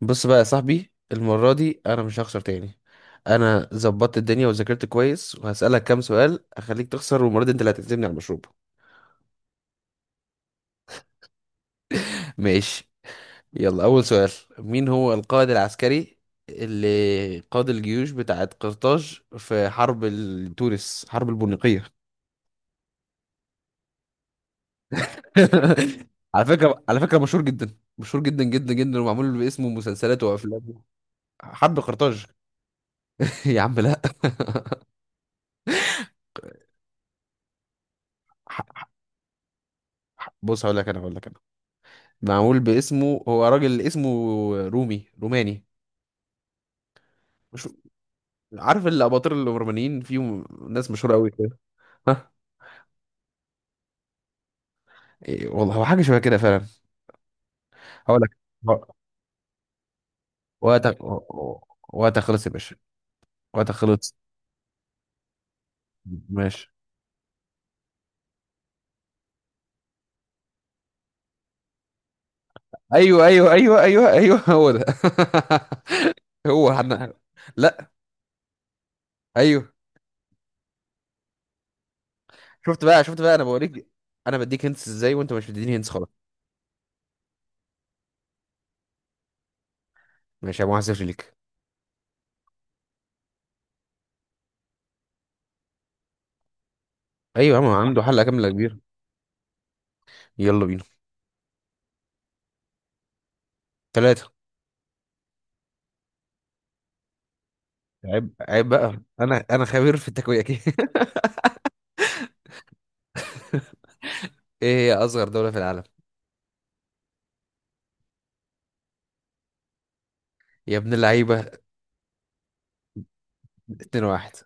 بص بقى يا صاحبي، المرة دي أنا مش هخسر تاني. أنا ظبطت الدنيا وذاكرت كويس، وهسألك كام سؤال أخليك تخسر، والمرة دي أنت اللي هتعزمني على المشروب. ماشي. يلا أول سؤال. مين هو القائد العسكري اللي قاد الجيوش بتاعت قرطاج في حرب ال- تونس حرب البونيقية؟ على فكرة مشهور جدا، مشهور جدا جدا جدا، ومعمول باسمه مسلسلات وأفلام. حرب قرطاج. يا عم لا. بص، هقول لك أنا. معمول باسمه، هو راجل اسمه رومي، روماني. مش عارف الاباطرة الرومانيين فيهم ناس مشهورة قوي كده. ها. إيه والله، هو حاجة شبه كده فعلا. هقول لك. وقتك وقتك خلص يا باشا. وقتك خلص. ماشي. ايوه ايوه ايوه ايوه ايوه، هو ده. هو حد. لا. ايوه. شفت بقى، انا بوريك. انا بديك هنس ازاي وانت مش بتديني هنس؟ خلاص، ماشي يا ابو حسن ليك. ايوه يا عم، عنده حلقة كاملة كبيرة. يلا بينا. ثلاثة. عيب عيب بقى، انا خبير في التكويكي. ايه هي اصغر دولة في العالم؟ يا ابن اللعيبة. 2 واحد.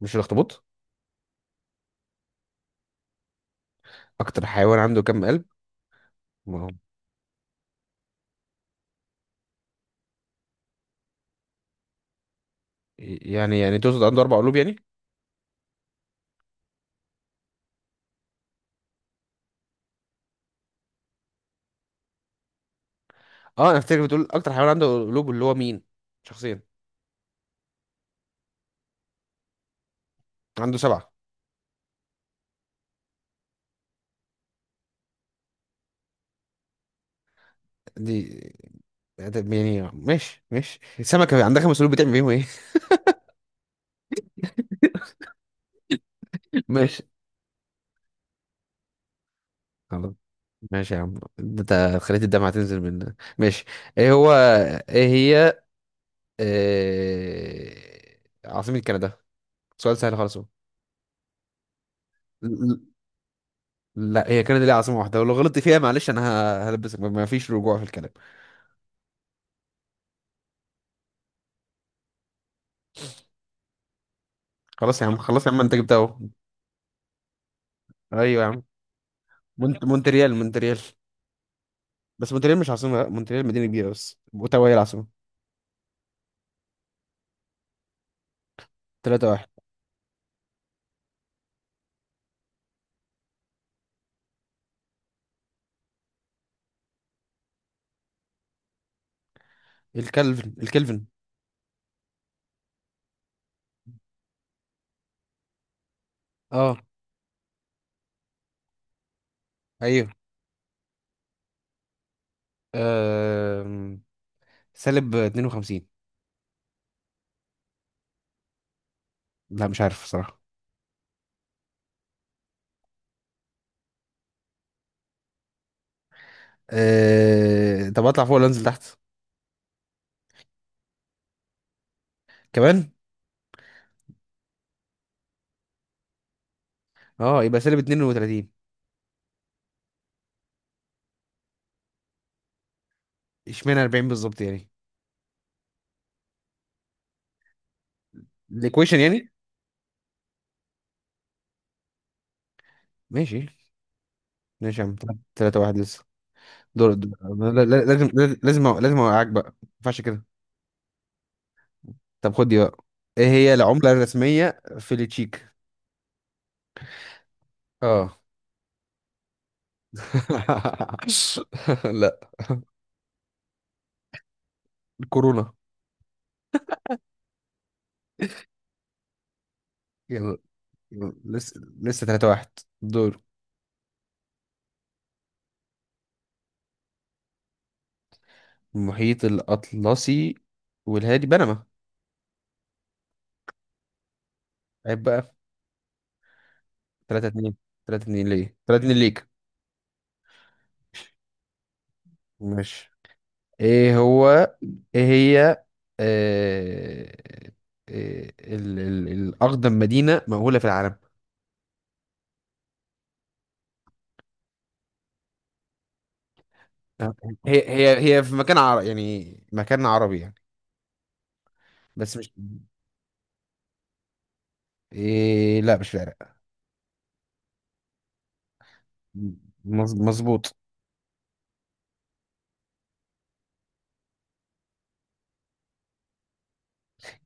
مش الاخطبوط؟ اكتر حيوان عنده كم قلب؟ ما هو، يعني تقصد عنده اربع قلوب يعني؟ اه، انا افتكر بتقول اكتر حيوان عنده قلوب اللي هو مين، شخصيا. عنده سبعة. دي. ده يعني ماشي ماشي، السمكة عندها خمس قلوب بتعمل بيهم ايه؟ ماشي. خلاص، ماشي يا عم، ده انت خليت الدمعة تنزل من. ماشي. ايه هو، ايه هي، آه، عاصمة كندا. سؤال سهل خالص اهو. ل- ل- لا، هي كانت ليها عاصمة واحدة، ولو غلطت فيها معلش انا هلبسك، ما فيش رجوع في الكلام. خلاص يا عم، خلاص يا عم، انت جبتها اهو. ايوه يا عم. مونتريال. بس مونتريال مش عاصمة. لا، مونتريال مدينة كبيرة، بس اوتاوا هي العاصمة. 3 واحد. الكلفن. اه. ايوه. أم... سالب 52. لا، مش عارف الصراحة. طب اطلع فوق ولا انزل تحت؟ كمان. اه، يبقى سالب 32. اشمعنى 40 بالظبط يعني؟ الايكويشن يعني؟ ماشي، ماشي يا عم. تلاتة واحد لسه. دور دور- لا- لا- لازم لازم اوقعك بقى، ما ينفعش كده. طب خد دي بقى. ايه هي العملة الرسمية في التشيك؟ اه. لا، الكورونا. يلا. يلا. لسه لسه تلاتة واحد. دور. المحيط الأطلسي والهادي، بنما. عيب بقى. تلاتة اتنين. تلاتة اتنين ليه؟ تلاتة اتنين ليك. ماشي. ايه هو، ايه هي، آه آه ال ال الاقدم مدينه مأهوله في العالم. آه، هي في مكان عربي يعني بس مش. إيه، لا مش في العراق. مظبوط.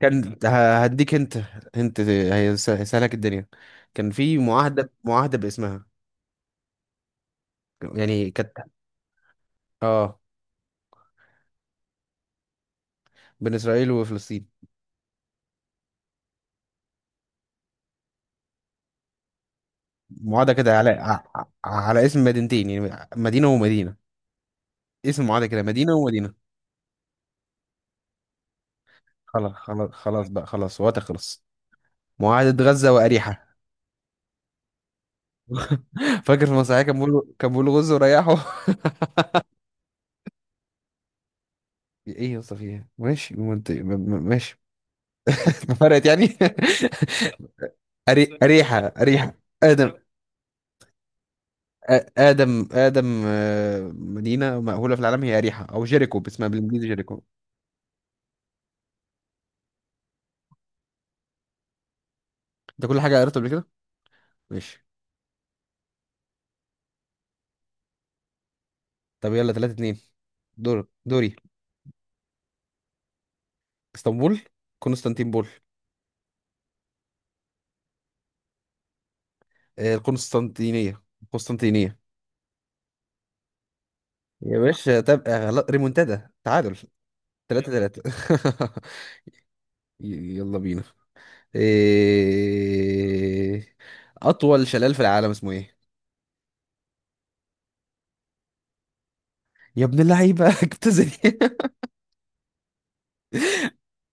كان هديك انت، انت هي هيسهلك الدنيا. كان في معاهده باسمها، يعني كانت. اه. بين اسرائيل وفلسطين. معاهده كده على على اسم مدينتين، يعني مدينه ومدينه. اسم معاهده كده، مدينه ومدينه. خلاص خلاص خلاص بقى، خلاص، وقت خلص. معاهدة غزة وأريحة. فاكر في المسرحية كان بيقول غزة وريحه. ايه يا اسطى، في ايه، ماشي منطقي، ماشي. ما فرقت يعني. أريحة. آدم، آدم. مدينة مأهولة في العالم هي أريحة، أو جيريكو باسمها بالإنجليزي، جيريكو. أنت كل حاجة قريتها قبل كده؟ ماشي. طب يلا، 3 2. دوري. اسطنبول. قسطنطينبول. القسطنطينية. قسطنطينية. يا باشا تبقى غلط، ريمونتادا، تعادل. تلاتة تلاتة. يلا بينا. إيه... أطول شلال في العالم اسمه إيه؟ يا ابن اللعيبة. جبت زي.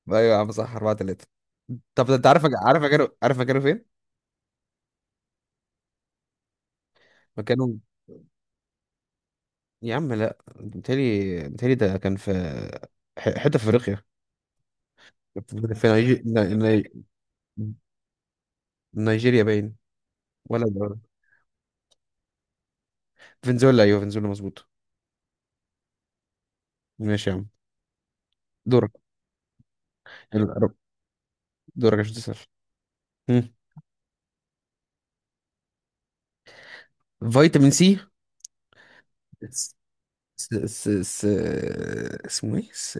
أيوة يا عم، صح. أربعة تلاتة. طب أنت عارف، عارف مكانه فين؟ مكانه. يا عم لا، متهيألي ده كان في حتة في أفريقيا. في نيجيريا باين. ولا ده- فنزويلا، أيوة فنزويلا، مظبوط. ماشي يا عم. دورك. يلا، دورك عشان تسأل. مم. فيتامين سي. س، اسمه ايه، س؟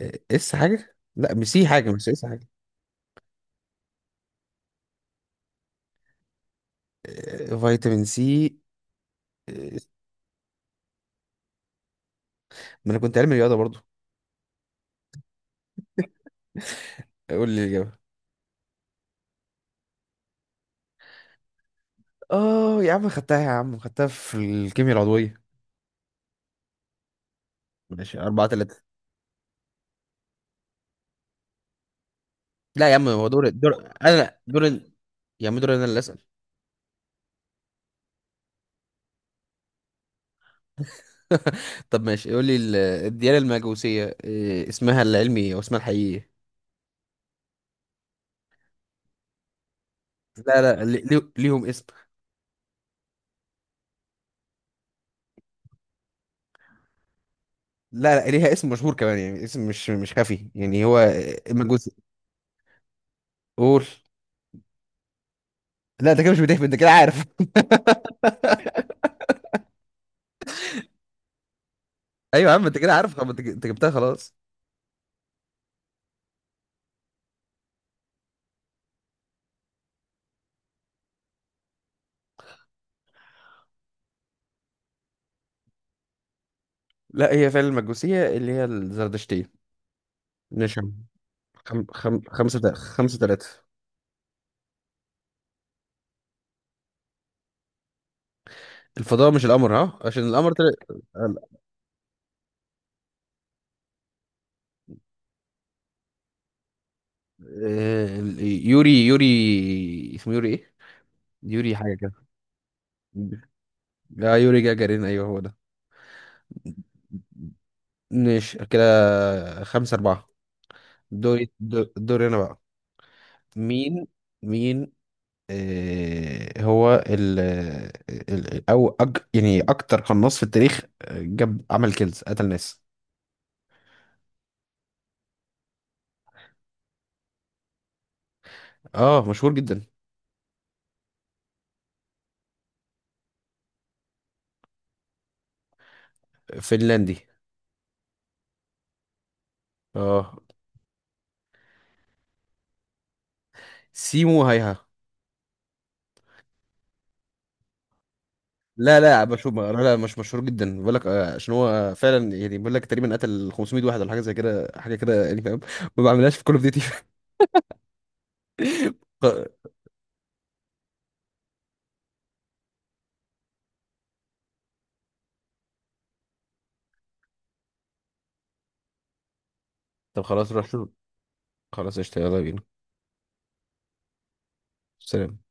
ايه اس حاجة، لا مش سي حاجة، مش اس حاجة. فيتامين سي. آه، ما انا كنت علمي رياضة برضو. قول لي الإجابة. اه يا عم خدتها في الكيمياء العضوية. ماشي، أربعة تلاتة. لا يا عم، هو دور. انا دور. يا عم دور، انا اللي اسأل. طب ماشي، قول لي الديانة المجوسية، اسمها العلمي، او اسمها الحقيقي. لا لا، ليهم اسم. لا لا، ليها اسم مشهور كمان، يعني اسم مش خفي يعني، هو. المجوس. قول. لا، انت كده مش بتهبد، انت كده عارف. ايوه يا عم، انت كده عارف خلاص، انت جبتها خلاص. لا، هي فعلا المجوسية اللي هي الزردشتية. نشم. خمسة تلاتة. الفضاء، مش القمر، ها؟ عشان القمر ال- ال- يوري اسمه يوري ايه؟ يوري حاجة كده. لا، يوري جاجارين، ايوه هو ده. ماشي كده، خمسة أربعة. دوري أنا بقى. مين مين، آه، هو ال ال- او أج يعني اكتر قناص في التاريخ، جاب عمل كيلز، قتل ناس. اه، مشهور جدا. فنلندي. اه. سيمو هايها. لا لا بشوف لا لا مش مشهور جدا بقول لك، عشان هو فعلا يعني، بقول لك تقريبا قتل 500 واحد ولا حاجه زي كده، حاجه كده يعني، فاهم؟ ما بعملهاش في كل اوف ديوتي. طب خلاص، روح شوف. خلاص قشطة، يلا بينا. سلام.